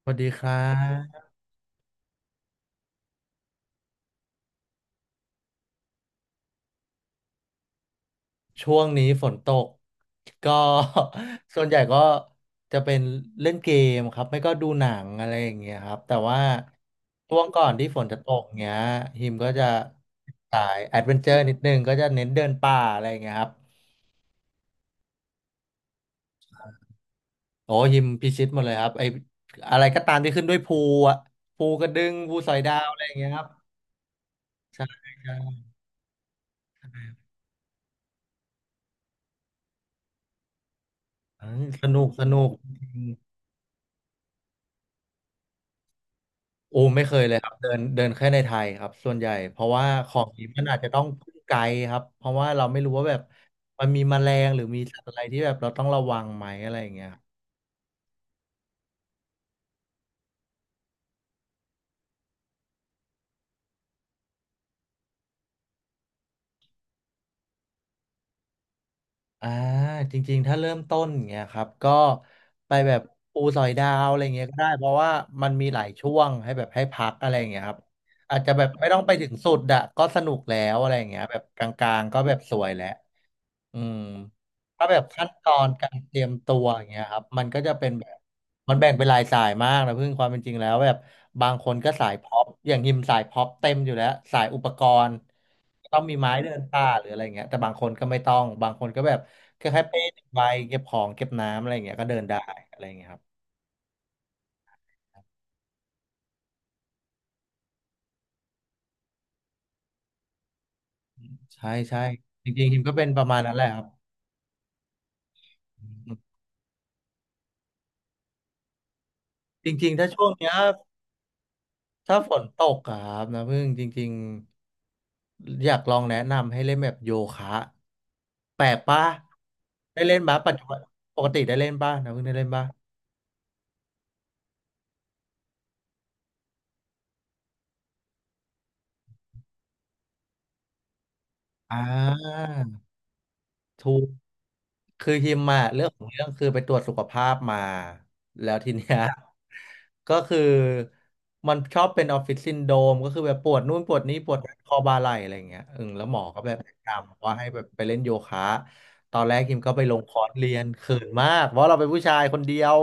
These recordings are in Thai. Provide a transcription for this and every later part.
สวัสดีครับช่วงนี้ฝนตกก็ ส่วนใหญ่ก็จะเป็นเล่นเกมครับไม่ก็ดูหนังอะไรอย่างเงี้ยครับแต่ว่าช่วงก่อนที่ฝนจะตกเงี้ยฮิมก็จะสายแอดเวนเจอร์นิดนึงก็จะเน้นเดินป่าอะไรอย่างเงี้ยครับโอ้ฮิมพิชิตหมดเลยครับไออะไรก็ตามที่ขึ้นด้วยอะภูกระดึงภูสอยดาวอะไรอย่างเงี้ยครับใช่ใช่อืมสนุกสนุก โอ้ไม่เคยเลยครับเดินเดินแค่ในไทยครับส่วนใหญ่เพราะว่าของนี้มันอาจจะต้องพึ่งไกลครับเพราะว่าเราไม่รู้ว่าแบบมันมีแมลงหรือมีสัตว์อะไรที่แบบเราต้องระวังไหมอะไรอย่างเงี้ยครับอ่าจริงๆถ้าเริ่มต้นอย่างเงี้ยครับก็ไปแบบปูสอยดาวอะไรเงี้ยก็ได้เพราะว่ามันมีหลายช่วงให้แบบให้พักอะไรอย่างเงี้ยครับอาจจะแบบไม่ต้องไปถึงสุดอะก็สนุกแล้วอะไรอย่างเงี้ยแบบกลางๆก็แบบสวยแล้ว อืมถ้าแบบขั้นตอนการเตรียมตัวอย่างเงี้ยครับ มันก็จะเป็นแบบมันแบ่งเป็นหลายสายมากนะเพึ่อความเป็นจริงแล้วแบบบางคนก็สายพ็อปอย่างยิมสายพ็อปเต็มอยู่แล้วสายอุปกรณ์ต้องมีไม้เดินป่าหรืออะไรเงี้ยแต่บางคนก็ไม่ต้องบางคนก็แบบแค่เป้หนึ่งใบเก็บของเก็บน้ำอะไรเงี้ยก็เดินได้อะไรเงี้ยครับใช่ใช่จริงๆฮิมก็เป็นประมาณนั้นแหละครับจริงๆถ้าช่วงเนี้ย ถ้าฝนตกอะครับนะพึ่งจริงๆอยากลองแนะนำให้เล่นแบบโยคะแปลกปะได้เล่นบ้าปัจจุบันปกติได้เล่นบ้านะพึ่งได้เล่นบ้าอ่า ถูกคือฮิมอะเรื่องของเรื่องคือไปตรวจสุขภาพมาแล้วทีเนี้ย ก็คือมันชอบเป็นออฟฟิศซินโดรมก็คือแบบปวดนู่นปวดนี้ปวดคอบ่าไหล่อะไรอย่างเงี้ยเออแล้วหมอก็แบบแนะนำว่าให้แบบไปเล่นโยคะตอนแรกฮิมก็ไปลงคอร์สเรียนเขินมากเพราะเราเป็นผู้ชายคนเดียว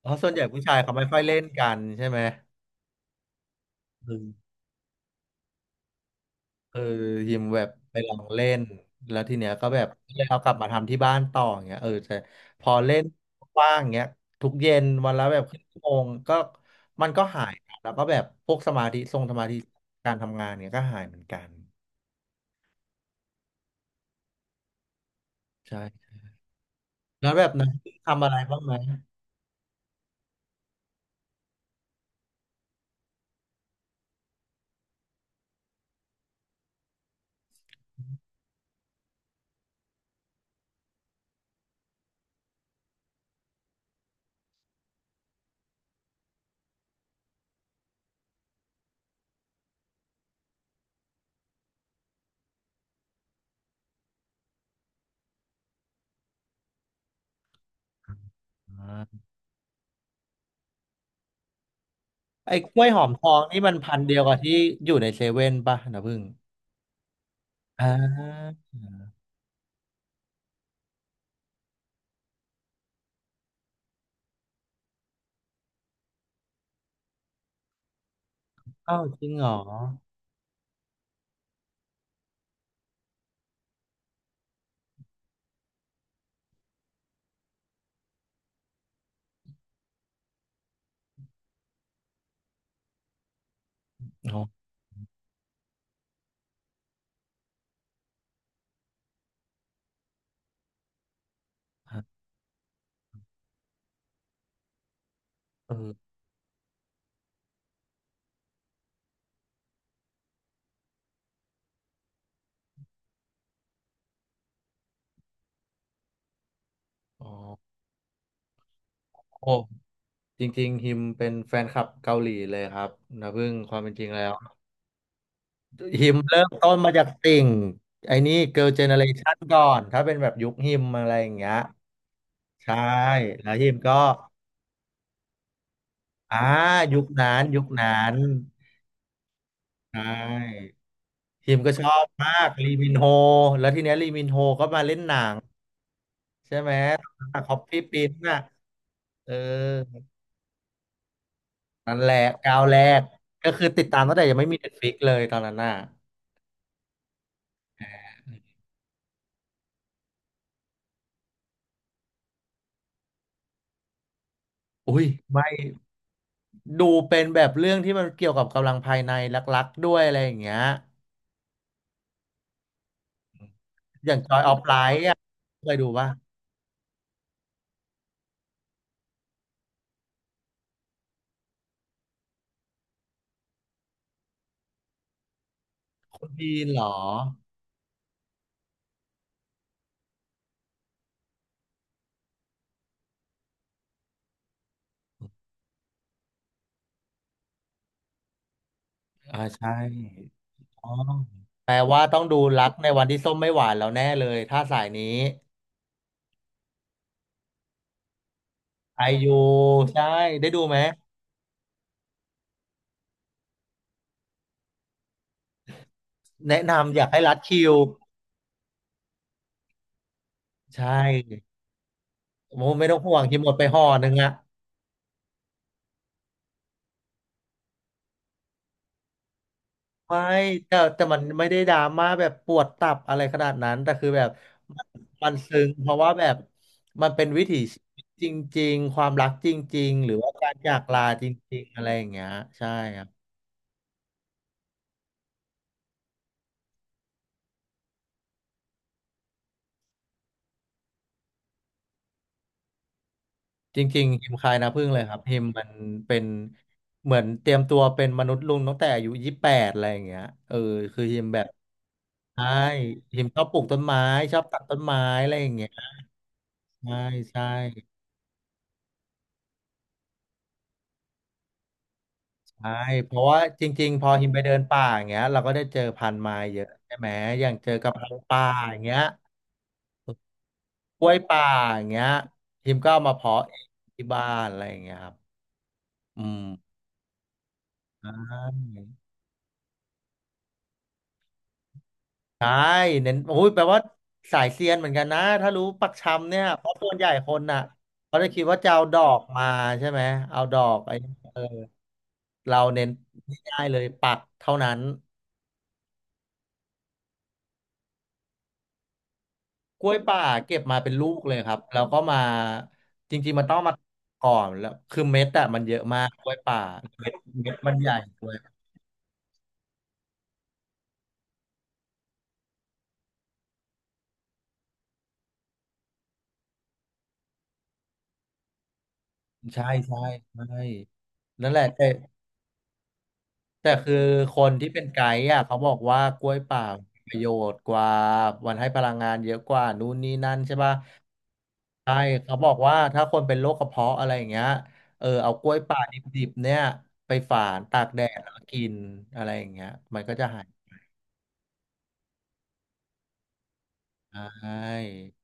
เพราะส่วนใหญ่ผู้ชายเขาไม่ค่อยเล่นกันใช่ไหมอืม เออยิมแบบไปลองเล่นแล้วทีเนี้ยก็แบบเลยเอากลับมาทำที่บ้านต่ออย่างเงี้ยเออแต่พอเล่นว่างอย่างเงี้ยทุกเย็นวันละแบบครึ่งชั่วโมงก็มันก็หายนะแล้วก็แบบพวกสมาธิทรงสมาธิการทำงานเนี้ยก็หายเหมือนกันใช่แล้วแบบนะทำอะไรบ้างไหมอ่าไอ้กล้วยหอมทองนี่มันพันธุ์เดียวกับที่อยู่ในเซเว่นป่ะนะพึ่งอ่าเอ้าวจริงเหรออ๋อเอออ๋อ จริงๆฮิมเป็นแฟนคลับเกาหลีเลยครับนะพึ่งความเป็นจริงแล้วฮิมเริ่มต้นมาจากติ่งไอ้นี่เกิร์ลเจเนเรชันก่อนถ้าเป็นแบบยุคฮิมอะไรอย่างเงี้ยใช่แล้วฮิมก็อ่ายุคนั้นยุคนั้นใช่ฮิมก็ชอบมากลีมินโฮแล้วทีเนี้ยลีมินโฮก็มาเล่นหนังใช่ไหมคอฟฟี่ปรินซ์น่ะเออนั่นแหละก้าวแรกก็คือติดตามตั้งแต่ยังไม่มีเน็ตฟ i ิกเลยตอนนั้นน่ะอุ้ยไม่ ดูเป็นแบบเรื่องที่มันเกี่ยวกับกำลังภายในลักๆด้วยอะไรอย่างเงี้ยอย่าง Joy of Light อ่ะเคยดูป่ะคุณพีนเหรออ่าใช่อ๋อแปลว่าต้องดูรักในวันที่ส้มไม่หวานแล้วแน่เลยถ้าสายนี้ไอยูใช่ได้ดูไหมแนะนำอยากให้รัดคิวใช่โมไม่ต้องห่วงคิวหมดไปห่อหนึ่งอะ ไม่แต่มันไม่ได้ดราม่าแบบปวดตับอะไรขนาดนั้นแต่คือแบบมันมันซึ้งเพราะว่าแบบมันเป็นวิถีชีวิตจริงๆความรักจริงๆหรือว่าการจากลาจริงๆอะไรอย่างเงี้ยใช่ครับจริงๆฮิมคายนะพึ่งเลยครับฮิมมันเป็นเหมือนเตรียมตัวเป็นมนุษย์ลุงตั้งแต่อายุ28อะไรอย่างเงี้ยเออคือฮิมแบบใช่ฮิมชอบปลูกต้นไม้ชอบตัดต้นไม้อะไรอย่างเงี้ยใช่ใช่ ใช่เพราะว่าจริงๆพอหิมไปเดินป่าอย่างเงี้ยเราก็ได้เจอพันธุ์ไม้เยอะใช่ไหมอย่างเจอกะเพราป่าอย่างเงี้ยกล้วยป่าอย่างเงี้ยหิมก็เอามาเพาะเองที่บ้านอะไรอย่างเงี้ยครับอืมใช่ใช่เน้นโอ้ยแปลว่าสายเซียนเหมือนกันนะถ้ารู้ปักชำเนี่ยเพราะส่วนใหญ่คนน่ะเขาจะคิดว่าจะเอาดอกมาใช่ไหมเอาดอกไอ้เออเราเน้นง่ายๆเลยปักเท่านั้น กล้วยป่าเก็บมาเป็นลูกเลยครับแล้วก็มาจริงๆมันต้องมาก่อนแล้วคือเม็ดอะมันเยอะมากกล้วยป่าเม็ดมันใหญ่ด้วยใช่ใช่ใช่นั่นแหละแต่คือคนที่เป็นไกด์อะเขาบอกว่ากล้วยป่ามีประโยชน์กว่ามันให้พลังงานเยอะกว่านู่นนี่นั่นใช่ป่ะใช่เขาบอกว่าถ้าคนเป็นโรคกระเพาะอะไรอย่างเงี้ยเออเอากล้วยป่าดิบๆเนี่ยไปฝานตากแดดแล้วกินอะไรอย่างเงี้ยมันก็จะหายใช่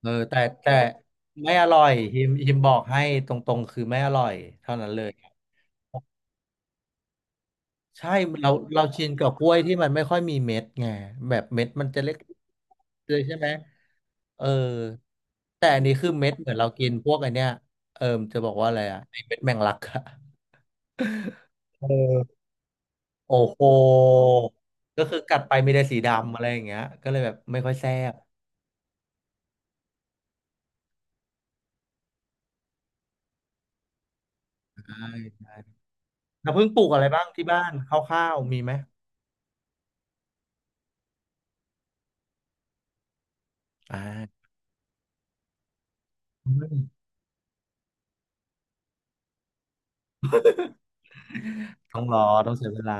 เออแต่ไม่อร่อยฮิมบอกให้ตรงๆคือไม่อร่อยเท่านั้นเลยใช่เราชินกับกล้วยที่มันไม่ค่อยมีเม็ดไงแบบเม็ดมันจะเล็กเลยใช่ไหมเออแต่อันนี้คือเม็ดเหมือนเรากินพวกไอเนี้ยเออจะบอกว่าอะไรอะไอเม็ดแมงลักอะเออโอ้โหก็คือกัดไปมีแต่สีดำอะไรอย่างเงี้ยก็เลยแบบไม่ค่อยแซ่บใช่แล้วเพิ่งปลูกอะไรบ้างที่บ้านคร่าวๆมีไหมอ่า ต้องรอต้องเสียเวลา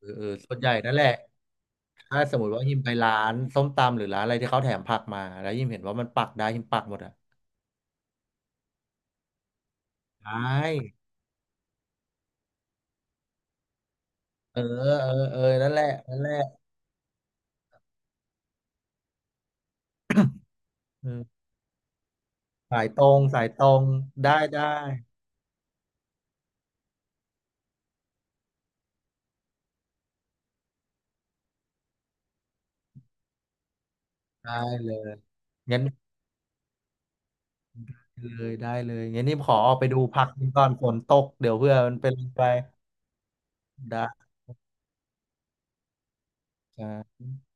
เออเออส่วนใหญ่นั่นแหละถ้าสมมติว่ายิมไปร้านส้มตำหรือร้านอะไรที่เขาแถมผักมาแล้วยิมเห็นว่ามันปักได้ยิมปักหมดอ่ะใช่เออเออเออนั่นแหละนั่นแหละอืมสายตรงสายตรงได้ได้ได้เลยงั้นเลยได้เลยงั้นนี่ขอออกไปดูผักกินก่อนฝนตกเดี๋ยวเพื่อมันเป็นไปได้ครับ